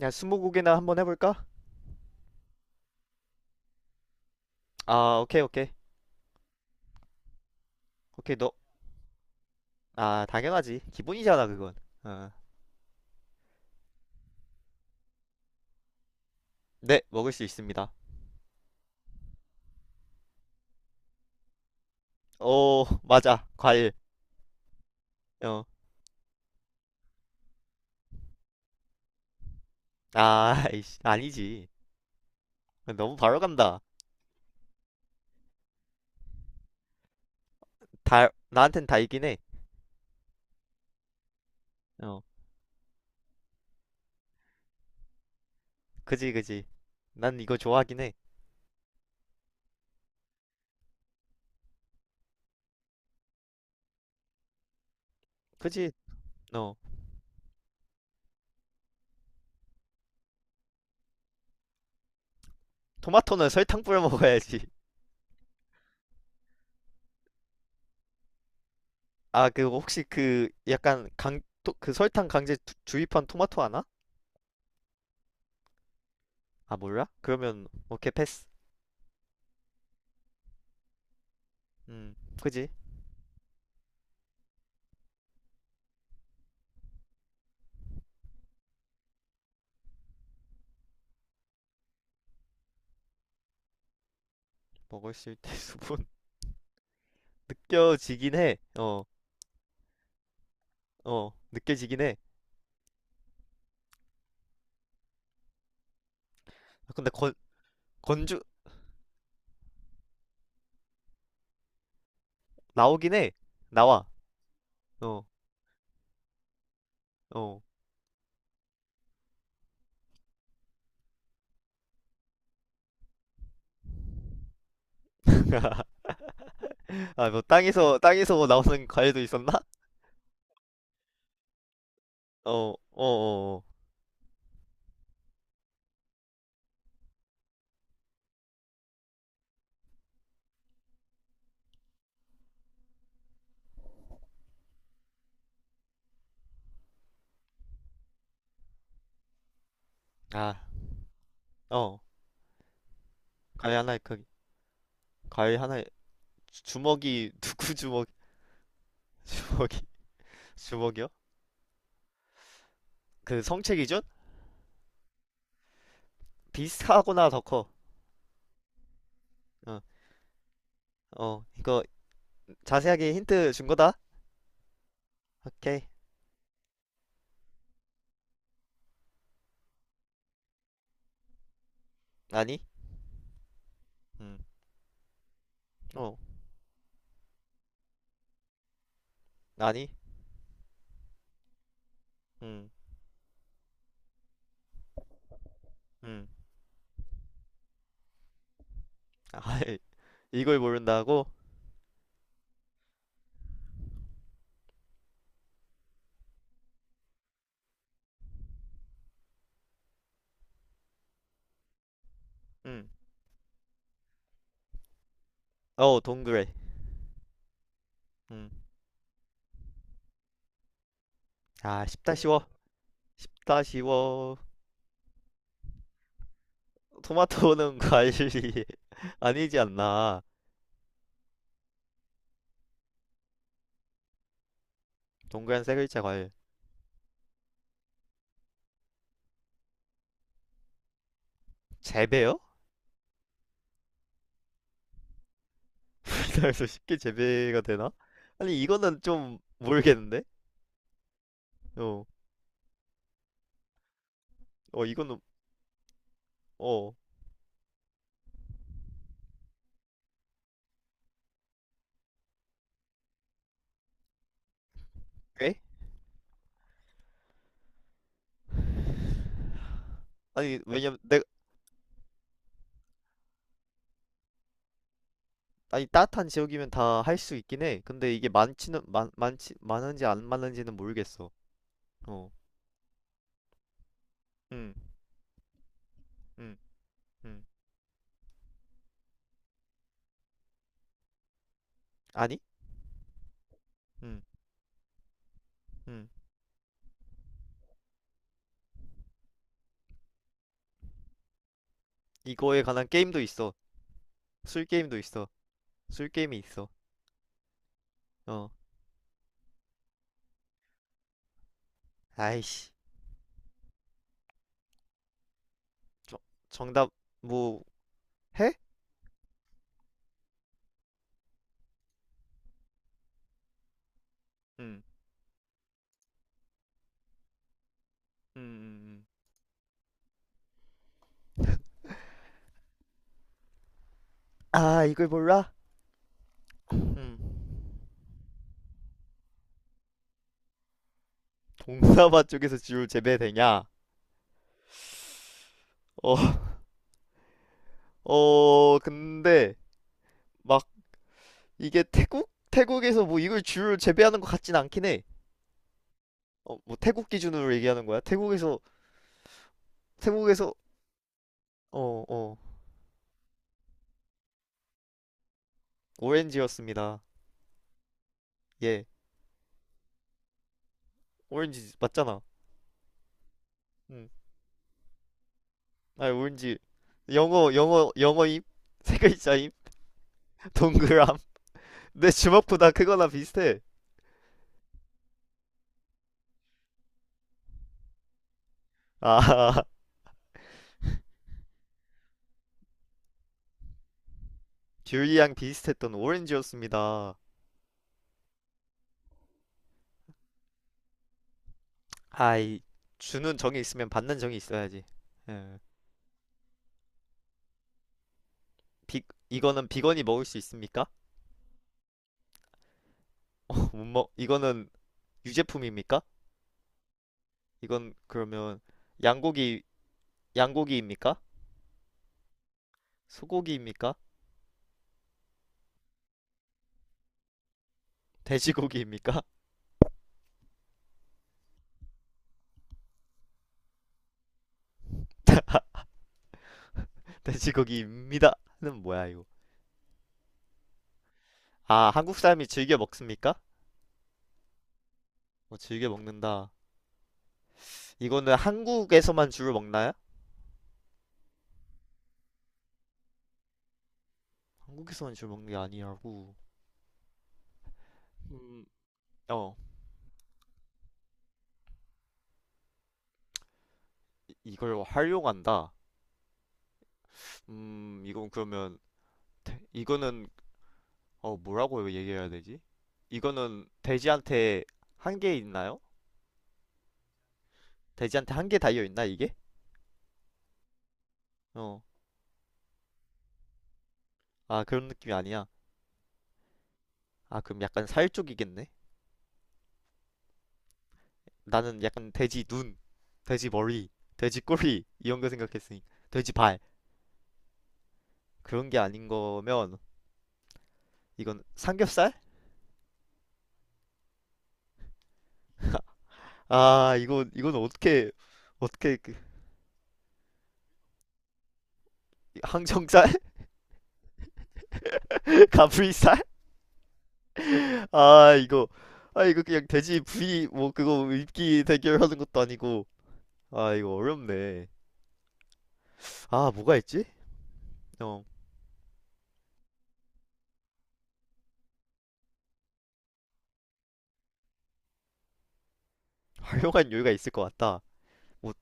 야, 스무고개나 한번 해볼까? 아, 오케이, 오케이. 오케이, 너. 아, 당연하지. 기본이잖아, 그건. 어. 네, 먹을 수 있습니다. 오, 맞아. 과일. 어. 아, 이씨, 아니지. 너무 바로 간다. 다, 나한텐 다 이긴 해. 어. 그지, 그지. 난 이거 좋아하긴 해. 그지? 어. 토마토는 설탕 뿌려 먹어야지. 아, 그, 혹시 그, 약간 강, 토, 그 설탕 강제 주입한 토마토 하나? 아, 몰라? 그러면, 오케이, 패스. 음, 그지? 먹을 수 있대, 수분. 느껴지긴 해. 어, 느껴지긴 해. 아, 근데 건, 건주, 나오긴 해. 나와. 어, 어. 아, 뭐, 땅에서 뭐 나오는 과일도 있었나? 어, 어. 아, 어. 과일 하나에, 과일 하나에, 주먹이, 누구 주먹, 주먹이, 주먹이요? 그 성체 기준? 비슷하거나 더 커. 어, 어. 이거 자세하게 힌트 준 거다? 오케이. 아니? 음, 어, 아니? 음, 음. 아, 이걸 모른다고? 응. 어, 동그래. 응. 아, 쉽다 쉬워. 쉽다 쉬워. 토마토는 과일이 아니지 않나. 동그란 세 글자 과일. 재배요? 우리나라에서 쉽게 재배가 되나? 아니, 이거는 좀 모르겠는데? 어, 어, 이거는, 어, 꽤? 아니, 왜냐면 내가, 아니, 따뜻한 지역이면 다 할 수 있긴 해. 근데 이게 많지는, 많은지 안 많은지는 모르겠어. 어, 응, 응, 응. 아니? 응, 응. 이거에 관한 게임도 있어. 술 게임도 있어. 술 게임이 있어. 어. 아이씨. 저, 정답 뭐 해? 응. 음, 음, 음, 아, 이걸 몰라? 동사바 쪽에서 지울 재배되냐? 어. 어, 근데 막 이게 태국에서 뭐 이걸 지울 재배하는 것 같진 않긴 해. 어, 뭐 태국 기준으로 얘기하는 거야? 태국에서 어, 어. 오렌지였습니다. 예. 오렌지 맞잖아. 응. 아, 오렌지. 영어임. 세 글자임. 동그람. 내 주먹보다 크거나 비슷해. 아, 귤이랑 비슷했던 오렌지였습니다. 아이, 주는 정이 있으면 받는 정이 있어야지. 예. 비, 이거는 비건이 먹을 수 있습니까? 못 먹, 이거는 유제품입니까? 이건 그러면 양고기, 양고기입니까? 소고기입니까? 돼지고기입니까? 돼지고기입니다. 는 뭐야, 이거. 아, 한국 사람이 즐겨 먹습니까? 어, 즐겨 먹는다. 이거는 한국에서만 주로 먹나요? 한국에서만 주로 먹는 게 아니라고. 음. 어, 이걸 활용한다. 이건 그러면 이거는 어 뭐라고 얘기해야 되지? 이거는 돼지한테 1개 있나요? 돼지한테 한 개 달려 있나 이게? 어, 아 그런 느낌이 아니야. 아 그럼 약간 살 쪽이겠네. 나는 약간 돼지 눈, 돼지 머리, 돼지 꼬리 이런 거 생각했으니 돼지 발 그런 게 아닌 거면 이건 삼겹살? 아 이건 어떻게 그 항정살? 가브리살? 아 이거 아 이거 그냥 돼지 부위 뭐 그거 입기 대결하는 것도 아니고 아 이거 어렵네 아 뭐가 있지? 어 활용한 요리가 있을 것 같다 뭐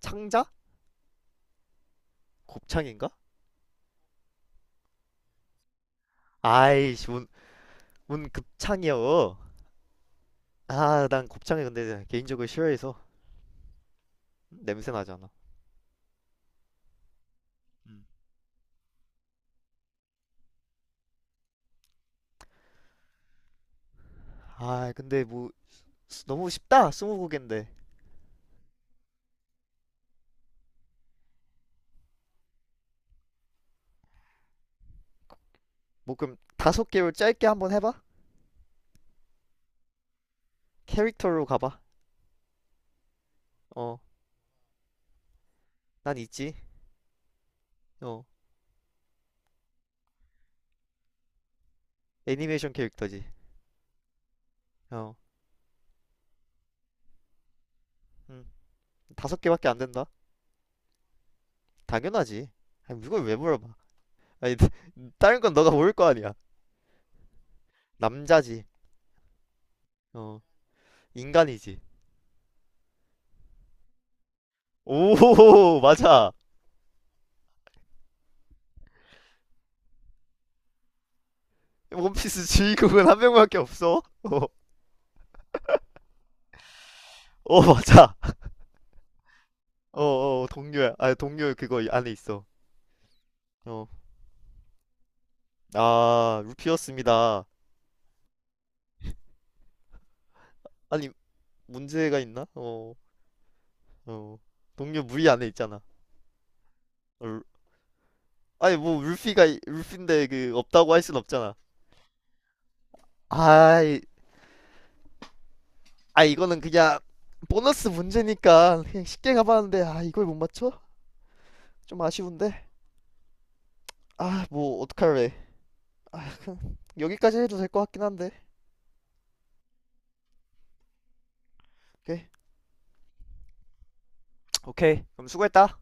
창자? 곱창인가? 아이씨 뭔, 뭔 급창이여 아 난 곱창이 근데 개인적으로 싫어해서 냄새 나잖아 음. 아 근데 뭐 너무 쉽다 스무고개인데 뭐 그럼 다섯 개로 짧게 한번 해봐 캐릭터로 가봐 어 난 있지 어 애니메이션 캐릭터지 어 음. 다섯 개밖에 안 된다? 당연하지. 아니, 이걸 왜 물어봐? 아니, 다른 건 너가 모를 거 아니야. 남자지. 어, 인간이지. 오, 맞아. 원피스 주인공은 한 명밖에 없어. 어, 맞아. 어, 어, 동료야. 아, 동료 그거 안에 있어. 어, 아, 루피였습니다. 아니, 문제가 있나? 어, 어, 동료 무리 안에 있잖아. 어, 아니, 뭐, 루피인데 그, 없다고 할 순 없잖아. 아이, 아 이거는 그냥 보너스 문제니까 그냥 쉽게 가봤는데 아 이걸 못 맞춰? 좀 아쉬운데 아 뭐 어떡할래 아 여기까지 해도 될 것 같긴 한데 오케이 오케이 그럼 수고했다